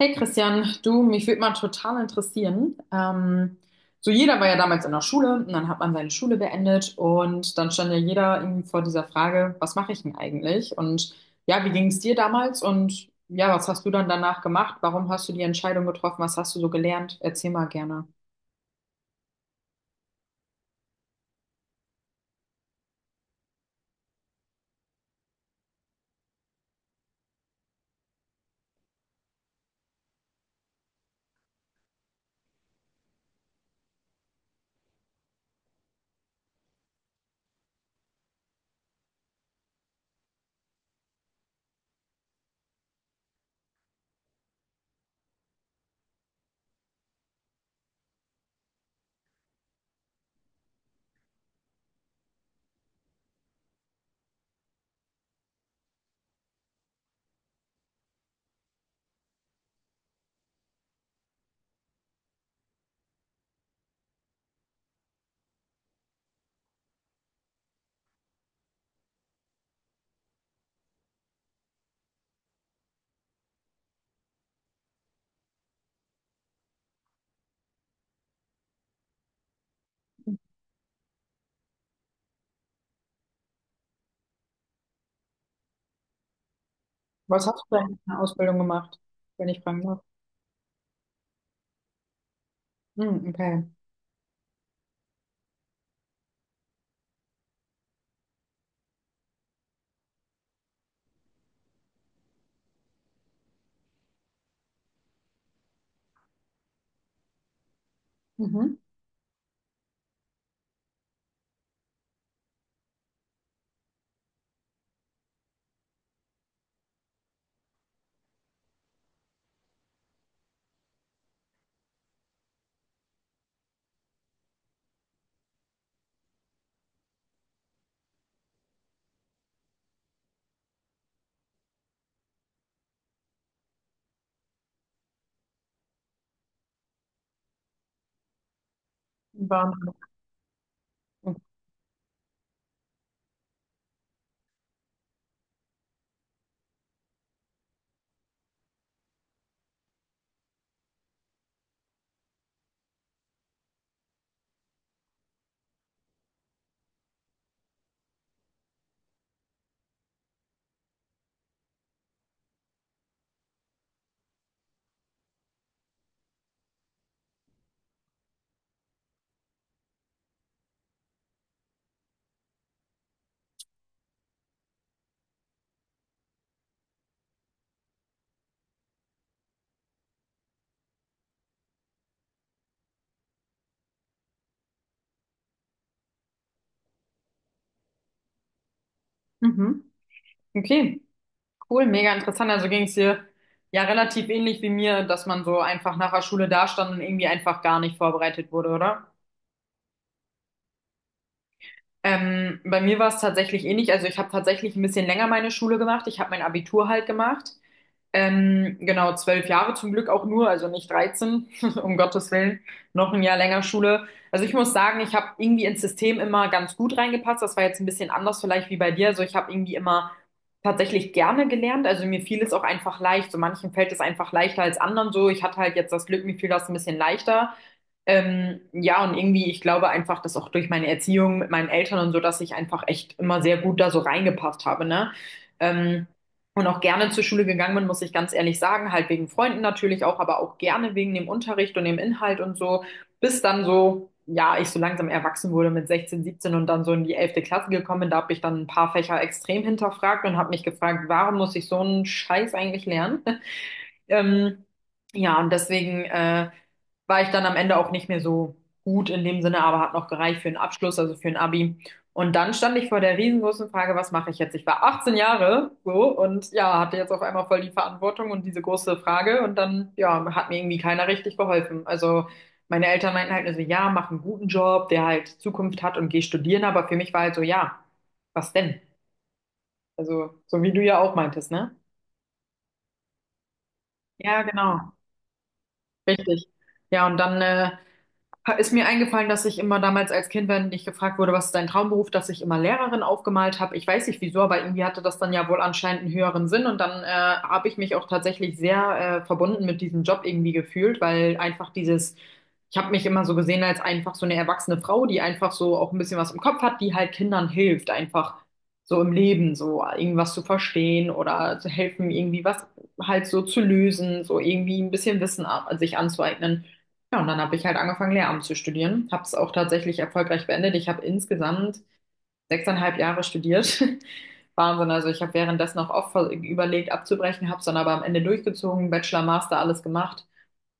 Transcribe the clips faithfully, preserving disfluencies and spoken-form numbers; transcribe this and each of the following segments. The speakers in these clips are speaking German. Hey Christian, du, mich würde mal total interessieren. Ähm, so jeder war ja damals in der Schule und dann hat man seine Schule beendet und dann stand ja jeder irgendwie vor dieser Frage, was mache ich denn eigentlich? Und ja, wie ging es dir damals? Und ja, was hast du dann danach gemacht? Warum hast du die Entscheidung getroffen? Was hast du so gelernt? Erzähl mal gerne. Was hast du denn in der Ausbildung gemacht, wenn ich fragen darf? Hm, okay. Mhm. War, mhm. Mhm. Okay. Cool, mega interessant. Also ging es dir ja relativ ähnlich wie mir, dass man so einfach nach der Schule dastand und irgendwie einfach gar nicht vorbereitet wurde, oder? Ähm, bei mir war es tatsächlich ähnlich. Also ich habe tatsächlich ein bisschen länger meine Schule gemacht. Ich habe mein Abitur halt gemacht. Ähm, genau, zwölf Jahre zum Glück auch nur, also nicht dreizehn um Gottes Willen, noch ein Jahr länger Schule. Also ich muss sagen, ich habe irgendwie ins System immer ganz gut reingepasst. Das war jetzt ein bisschen anders vielleicht wie bei dir. Also ich habe irgendwie immer tatsächlich gerne gelernt. Also mir fiel es auch einfach leicht. So manchen fällt es einfach leichter als anderen so. Ich hatte halt jetzt das Glück, mir fiel das ein bisschen leichter. Ähm, ja, und irgendwie, ich glaube einfach, dass auch durch meine Erziehung mit meinen Eltern und so, dass ich einfach echt immer sehr gut da so reingepasst habe, ne? Ähm, und auch gerne zur Schule gegangen bin, muss ich ganz ehrlich sagen, halt wegen Freunden natürlich auch, aber auch gerne wegen dem Unterricht und dem Inhalt und so, bis dann so, ja, ich so langsam erwachsen wurde mit sechzehn siebzehn und dann so in die elfte Klasse gekommen bin, da habe ich dann ein paar Fächer extrem hinterfragt und habe mich gefragt, warum muss ich so einen Scheiß eigentlich lernen? Ähm, ja, und deswegen, äh, war ich dann am Ende auch nicht mehr so gut in dem Sinne, aber hat noch gereicht für einen Abschluss, also für ein Abi. Und dann stand ich vor der riesengroßen Frage, was mache ich jetzt? Ich war achtzehn Jahre so und ja, hatte jetzt auf einmal voll die Verantwortung und diese große Frage und dann ja, hat mir irgendwie keiner richtig geholfen. Also meine Eltern meinten halt nur so, ja, mach einen guten Job, der halt Zukunft hat und geh studieren, aber für mich war halt so, ja, was denn? Also so wie du ja auch meintest, ne? Ja, genau. Richtig. Ja, und dann äh, ist mir eingefallen, dass ich immer damals als Kind, wenn ich gefragt wurde, was ist dein Traumberuf, dass ich immer Lehrerin aufgemalt habe. Ich weiß nicht wieso, aber irgendwie hatte das dann ja wohl anscheinend einen höheren Sinn und dann äh, habe ich mich auch tatsächlich sehr äh, verbunden mit diesem Job irgendwie gefühlt, weil einfach dieses, ich habe mich immer so gesehen als einfach so eine erwachsene Frau, die einfach so auch ein bisschen was im Kopf hat, die halt Kindern hilft, einfach so im Leben so irgendwas zu verstehen oder zu helfen, irgendwie was halt so zu lösen, so irgendwie ein bisschen Wissen a- sich anzueignen. Ja, und dann habe ich halt angefangen, Lehramt zu studieren, habe es auch tatsächlich erfolgreich beendet. Ich habe insgesamt sechseinhalb Jahre studiert. Wahnsinn. Also ich habe währenddessen auch oft ver- überlegt, abzubrechen, habe es dann aber am Ende durchgezogen, Bachelor, Master, alles gemacht.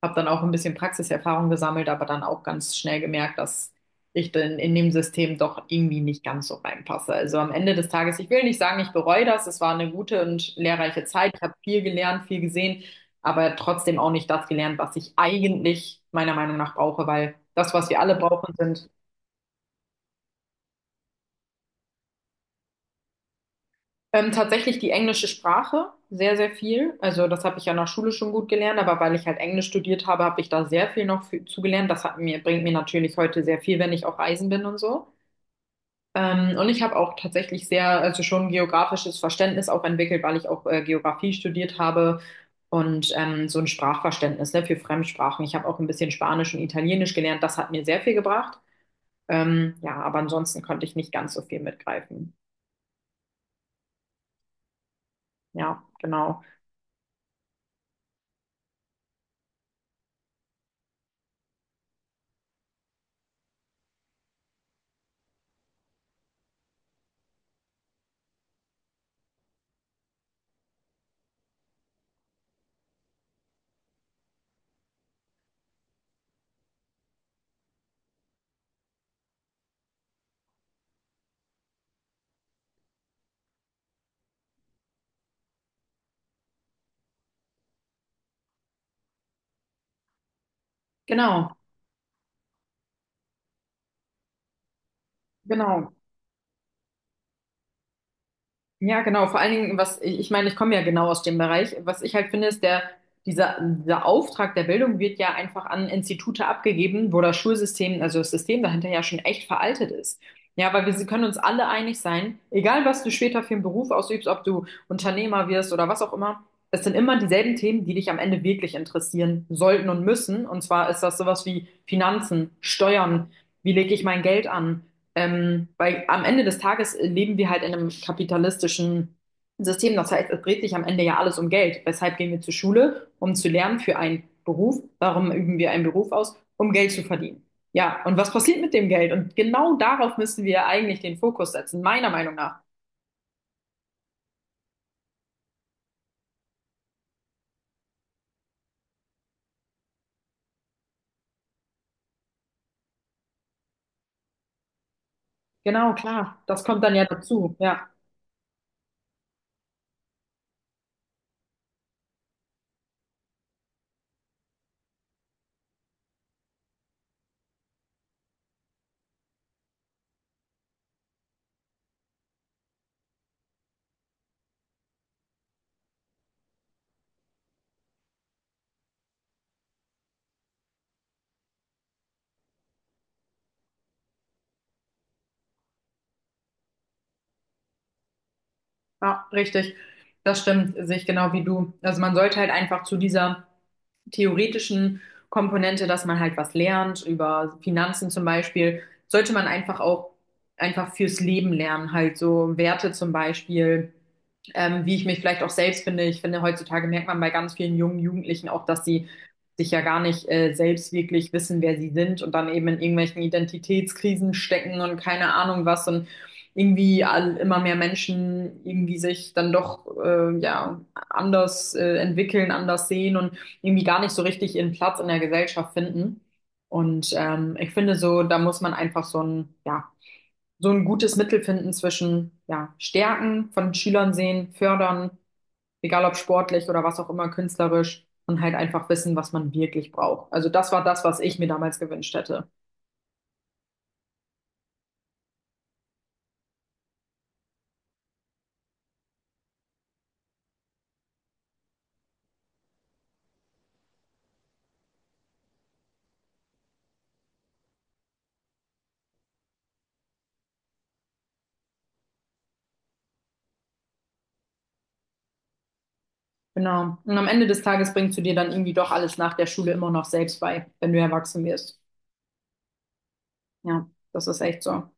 Habe dann auch ein bisschen Praxiserfahrung gesammelt, aber dann auch ganz schnell gemerkt, dass ich dann in dem System doch irgendwie nicht ganz so reinpasse. Also am Ende des Tages, ich will nicht sagen, ich bereue das. Es war eine gute und lehrreiche Zeit. Ich habe viel gelernt, viel gesehen, aber trotzdem auch nicht das gelernt, was ich eigentlich meiner Meinung nach brauche, weil das, was wir alle brauchen, sind Ähm, tatsächlich die englische Sprache, sehr, sehr viel. Also das habe ich ja nach Schule schon gut gelernt, aber weil ich halt Englisch studiert habe, habe ich da sehr viel noch für, zugelernt. Das hat mir, bringt mir natürlich heute sehr viel, wenn ich auch reisen bin und so. Ähm, und ich habe auch tatsächlich sehr, also schon geografisches Verständnis auch entwickelt, weil ich auch äh, Geografie studiert habe und ähm, so ein Sprachverständnis, ne, für Fremdsprachen. Ich habe auch ein bisschen Spanisch und Italienisch gelernt. Das hat mir sehr viel gebracht. Ähm, ja, aber ansonsten konnte ich nicht ganz so viel mitgreifen. Ja, genau. Genau, genau. Ja, genau. Vor allen Dingen, was ich, ich meine, ich komme ja genau aus dem Bereich. Was ich halt finde, ist der, dieser, dieser Auftrag der Bildung wird ja einfach an Institute abgegeben, wo das Schulsystem, also das System dahinter ja schon echt veraltet ist. Ja, weil wir sie- können uns alle einig sein, egal was du später für einen Beruf ausübst, ob du Unternehmer wirst oder was auch immer, es sind immer dieselben Themen, die dich am Ende wirklich interessieren sollten und müssen. Und zwar ist das sowas wie Finanzen, Steuern, wie lege ich mein Geld an? Ähm, weil am Ende des Tages äh, leben wir halt in einem kapitalistischen System. Das heißt, es dreht sich am Ende ja alles um Geld. Weshalb gehen wir zur Schule? Um zu lernen für einen Beruf. Warum üben wir einen Beruf aus? Um Geld zu verdienen. Ja, und was passiert mit dem Geld? Und genau darauf müssen wir eigentlich den Fokus setzen, meiner Meinung nach. Genau, klar. Das kommt dann ja dazu. Ja, ja, richtig. Das stimmt, sehe ich genau wie du. Also man sollte halt einfach zu dieser theoretischen Komponente, dass man halt was lernt, über Finanzen zum Beispiel, sollte man einfach auch einfach fürs Leben lernen, halt so Werte zum Beispiel ähm, wie ich mich vielleicht auch selbst finde. Ich finde, heutzutage merkt man bei ganz vielen jungen Jugendlichen auch, dass sie sich ja gar nicht äh, selbst wirklich wissen, wer sie sind und dann eben in irgendwelchen Identitätskrisen stecken und keine Ahnung was und irgendwie all, immer mehr Menschen irgendwie sich dann doch äh, ja anders äh, entwickeln, anders sehen und irgendwie gar nicht so richtig ihren Platz in der Gesellschaft finden. Und ähm, ich finde so, da muss man einfach so ein, ja, so ein gutes Mittel finden zwischen ja, Stärken von Schülern sehen, fördern, egal ob sportlich oder was auch immer, künstlerisch und halt einfach wissen, was man wirklich braucht. Also das war das, was ich mir damals gewünscht hätte. Genau. Und am Ende des Tages bringst du dir dann irgendwie doch alles nach der Schule immer noch selbst bei, wenn du erwachsen wirst. Ja, das ist echt so.